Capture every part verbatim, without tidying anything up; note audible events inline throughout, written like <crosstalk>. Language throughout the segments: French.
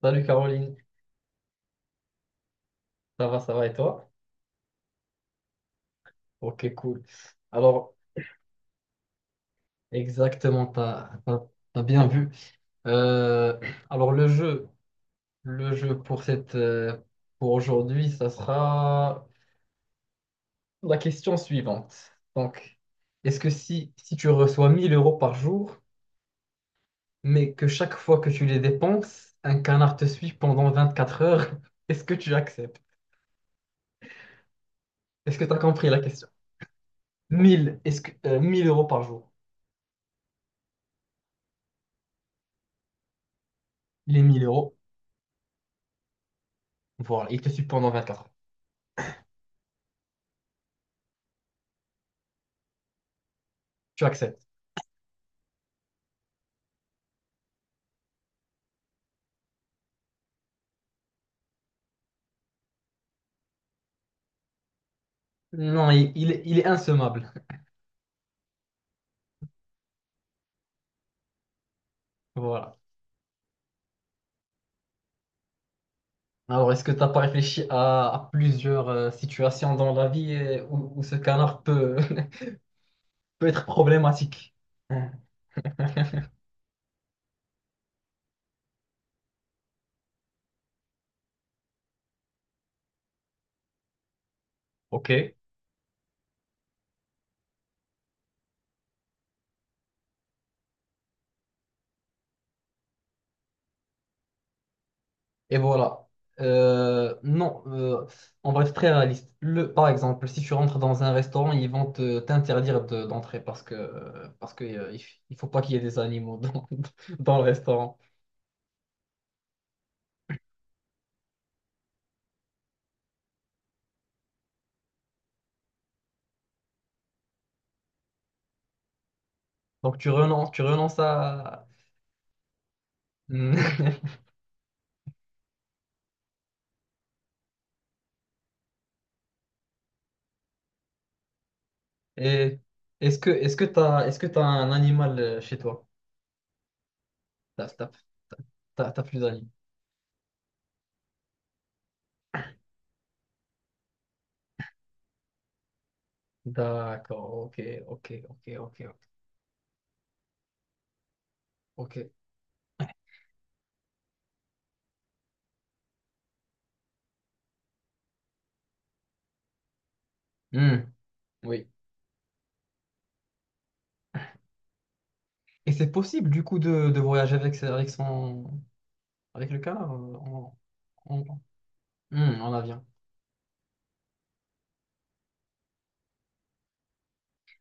Salut Caroline, ça va, ça va et toi? Ok, cool. Alors, exactement, t'as, t'as, t'as bien vu. Euh, alors, le jeu, le jeu pour cette, euh, pour aujourd'hui, ça sera la question suivante. Donc, est-ce que si, si tu reçois mille euros par jour, mais que chaque fois que tu les dépenses, un canard te suit pendant vingt-quatre heures, <laughs> est-ce que tu acceptes? Est-ce que tu as compris la question? Mille, est-ce que, euh, mille euros par jour, les mille euros, voilà, il te suit pendant vingt-quatre. Tu acceptes. Non, il, il- il est insommable. <laughs> Voilà. Alors, est-ce que tu n'as pas réfléchi à, à plusieurs euh, situations dans la vie euh, où, où ce canard peut, <laughs> peut être problématique? <laughs> Hein. Ok. Et voilà. Euh, non, euh, on va être très réaliste. Le, par exemple, si tu rentres dans un restaurant, ils vont te t'interdire de- d'entrer parce que, euh, parce que, euh, il f- il faut pas qu'il y ait des animaux dans, <laughs> dans le restaurant. Donc, tu renonces, tu renonces à… <laughs> Et est-ce que est-ce que t'as est-ce que t'as un animal euh, chez toi? T'as t'as- t'as- t'as- T'as plus d'animaux. D'accord, ok, ok, ok, ok, ok. ok. Hmm, oui. Et c'est possible du coup de, de voyager avec, sa- avec son avec le canard euh, en, en, Hmm, en avion.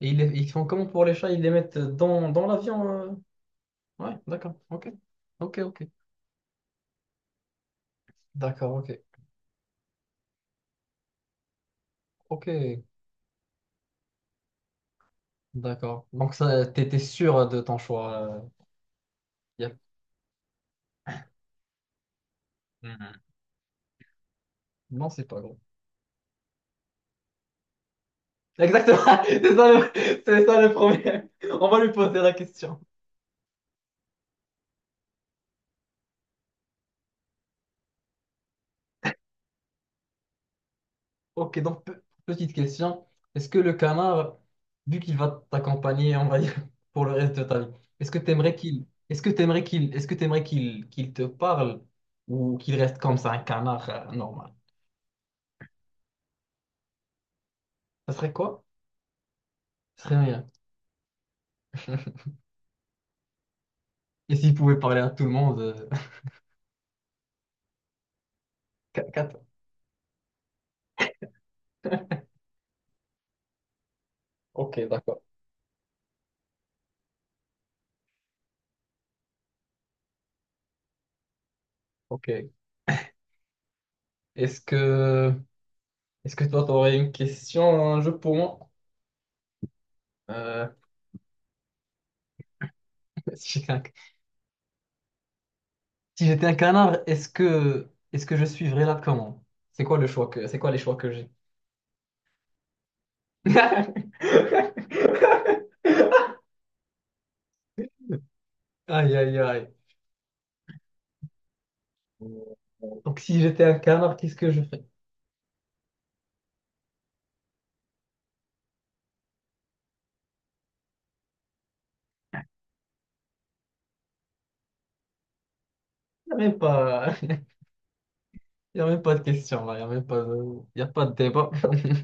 Et ils, les- ils font comment pour les chats? Ils les mettent dans, dans l'avion, euh. Ouais, d'accord, ok. Ok, ok. D'accord, ok. Ok, d'accord. Donc ça, t'étais sûr de ton choix. euh, y a- Hmm. Non, c'est pas grave. Exactement, <laughs> c'est ça le, c'est ça le problème. On va lui poser la question. Ok, donc pe- petite question. Est-ce que le canard, vu qu'il va t'accompagner, on va dire, <laughs> pour le reste de ta vie, est-ce que t'aimerais qu'il, est-ce que t'aimerais qu'il, est-ce que t'aimerais qu'il, qu'il te parle ou qu'il reste comme ça, un canard euh, normal? Ça serait quoi? Ça serait rien. <laughs> Et s'il pouvait parler à tout le monde, euh, <laughs> Quatre. Quatre. Ok, d'accord. Ok. Est-ce que, est-ce que toi, t'aurais une question, un jeu pour moi? Euh, <laughs> si quelqu'un. Si j'étais un canard, est-ce que est-ce que je suivrais la commande? C'est quoi le choix que c'est quoi les choix que j'ai? <laughs> Aïe aïe aïe. Donc si j'étais un canard, qu'est-ce que je fais? Il n'y a même pas <laughs> y a même pas de question là, il n'y a même pas de y a pas de débat. <laughs>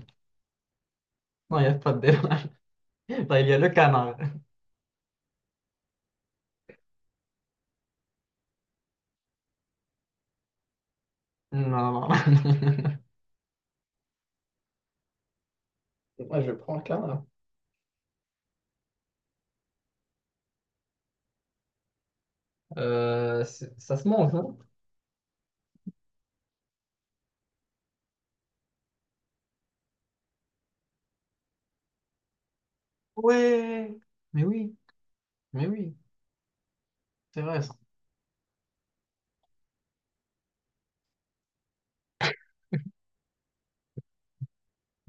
Non, il n'y a pas de débat. <laughs> Là, il y a le canard. Non, non. <laughs> Moi, je prends le canard. Euh, c'est- ça se mange, non? Ouais. Mais oui, mais oui, c'est vrai. Ça.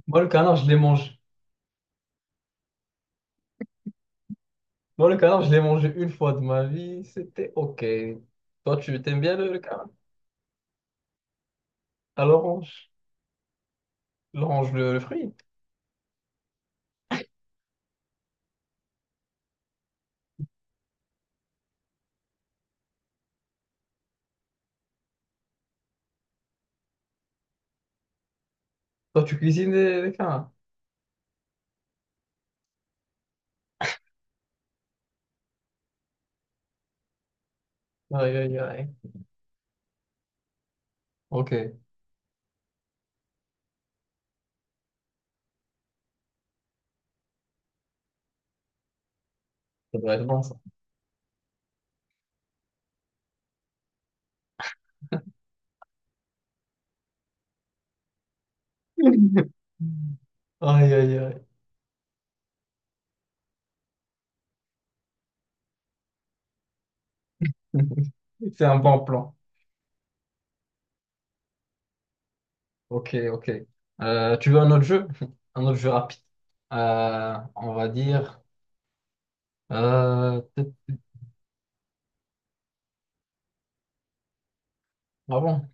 Moi, le canard, je les mange. Moi, le canard, je l'ai mangé une fois de ma vie, c'était OK. Toi, tu t'aimes bien le, le canard? À l'orange? L'orange, le, le fruit? Toi, tu cuisines les, les canards? Aïe, aïe, aïe. OK, ça devrait être bon, ça. <laughs> Aïe, aïe, aïe. <laughs> C'est un bon plan. OK, OK. Euh, tu veux un autre jeu? <laughs> Un autre jeu rapide. Euh, on va dire... Euh... Ah bon.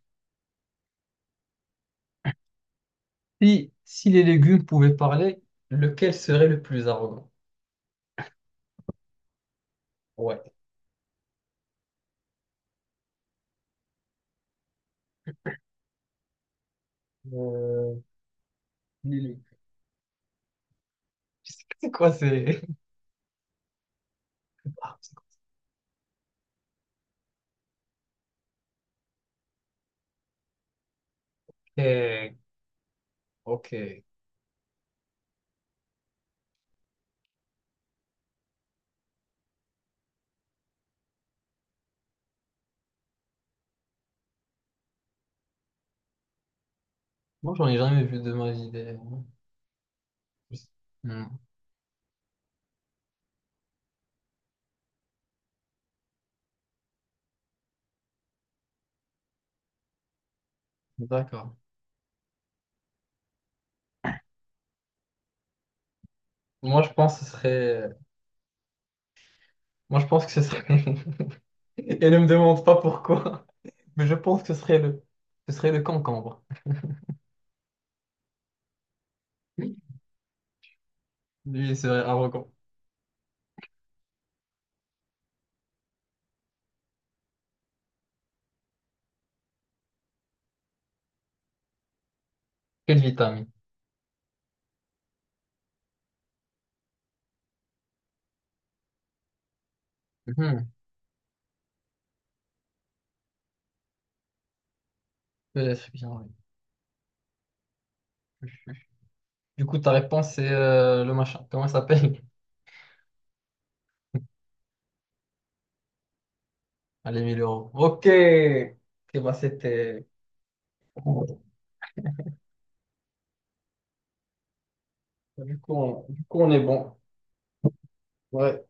Si, si les légumes pouvaient parler, lequel serait le plus arrogant? Ouais. Euh, si les légumes. <laughs> C'est quoi, c'est… Ah, c'est quoi. Eh, Ok. Moi, j'en ai jamais vu de ma vie. Des… Hmm. D'accord. Moi, je pense que ce serait… Moi, je pense que ce serait… <laughs> Et ne me demande pas pourquoi, mais je pense que ce serait le… Ce serait le concombre. Lui, il serait arrogant. Quelle vitamine. Mhm. Peut-être bien, oui. Du coup, ta réponse, c'est euh, le machin. Comment ça s'appelle? <laughs> Allez, mille euros. Ok. Ok, bah, c'était… Du coup, on... du coup, on est bon. Ouais.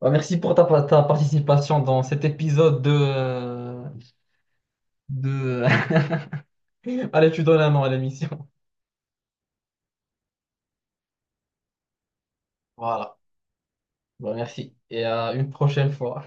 Bah, merci pour ta, ta participation dans cet épisode de, euh, de... <laughs> Allez, tu donnes un nom à l'émission. Voilà. Bah, merci et à une prochaine fois.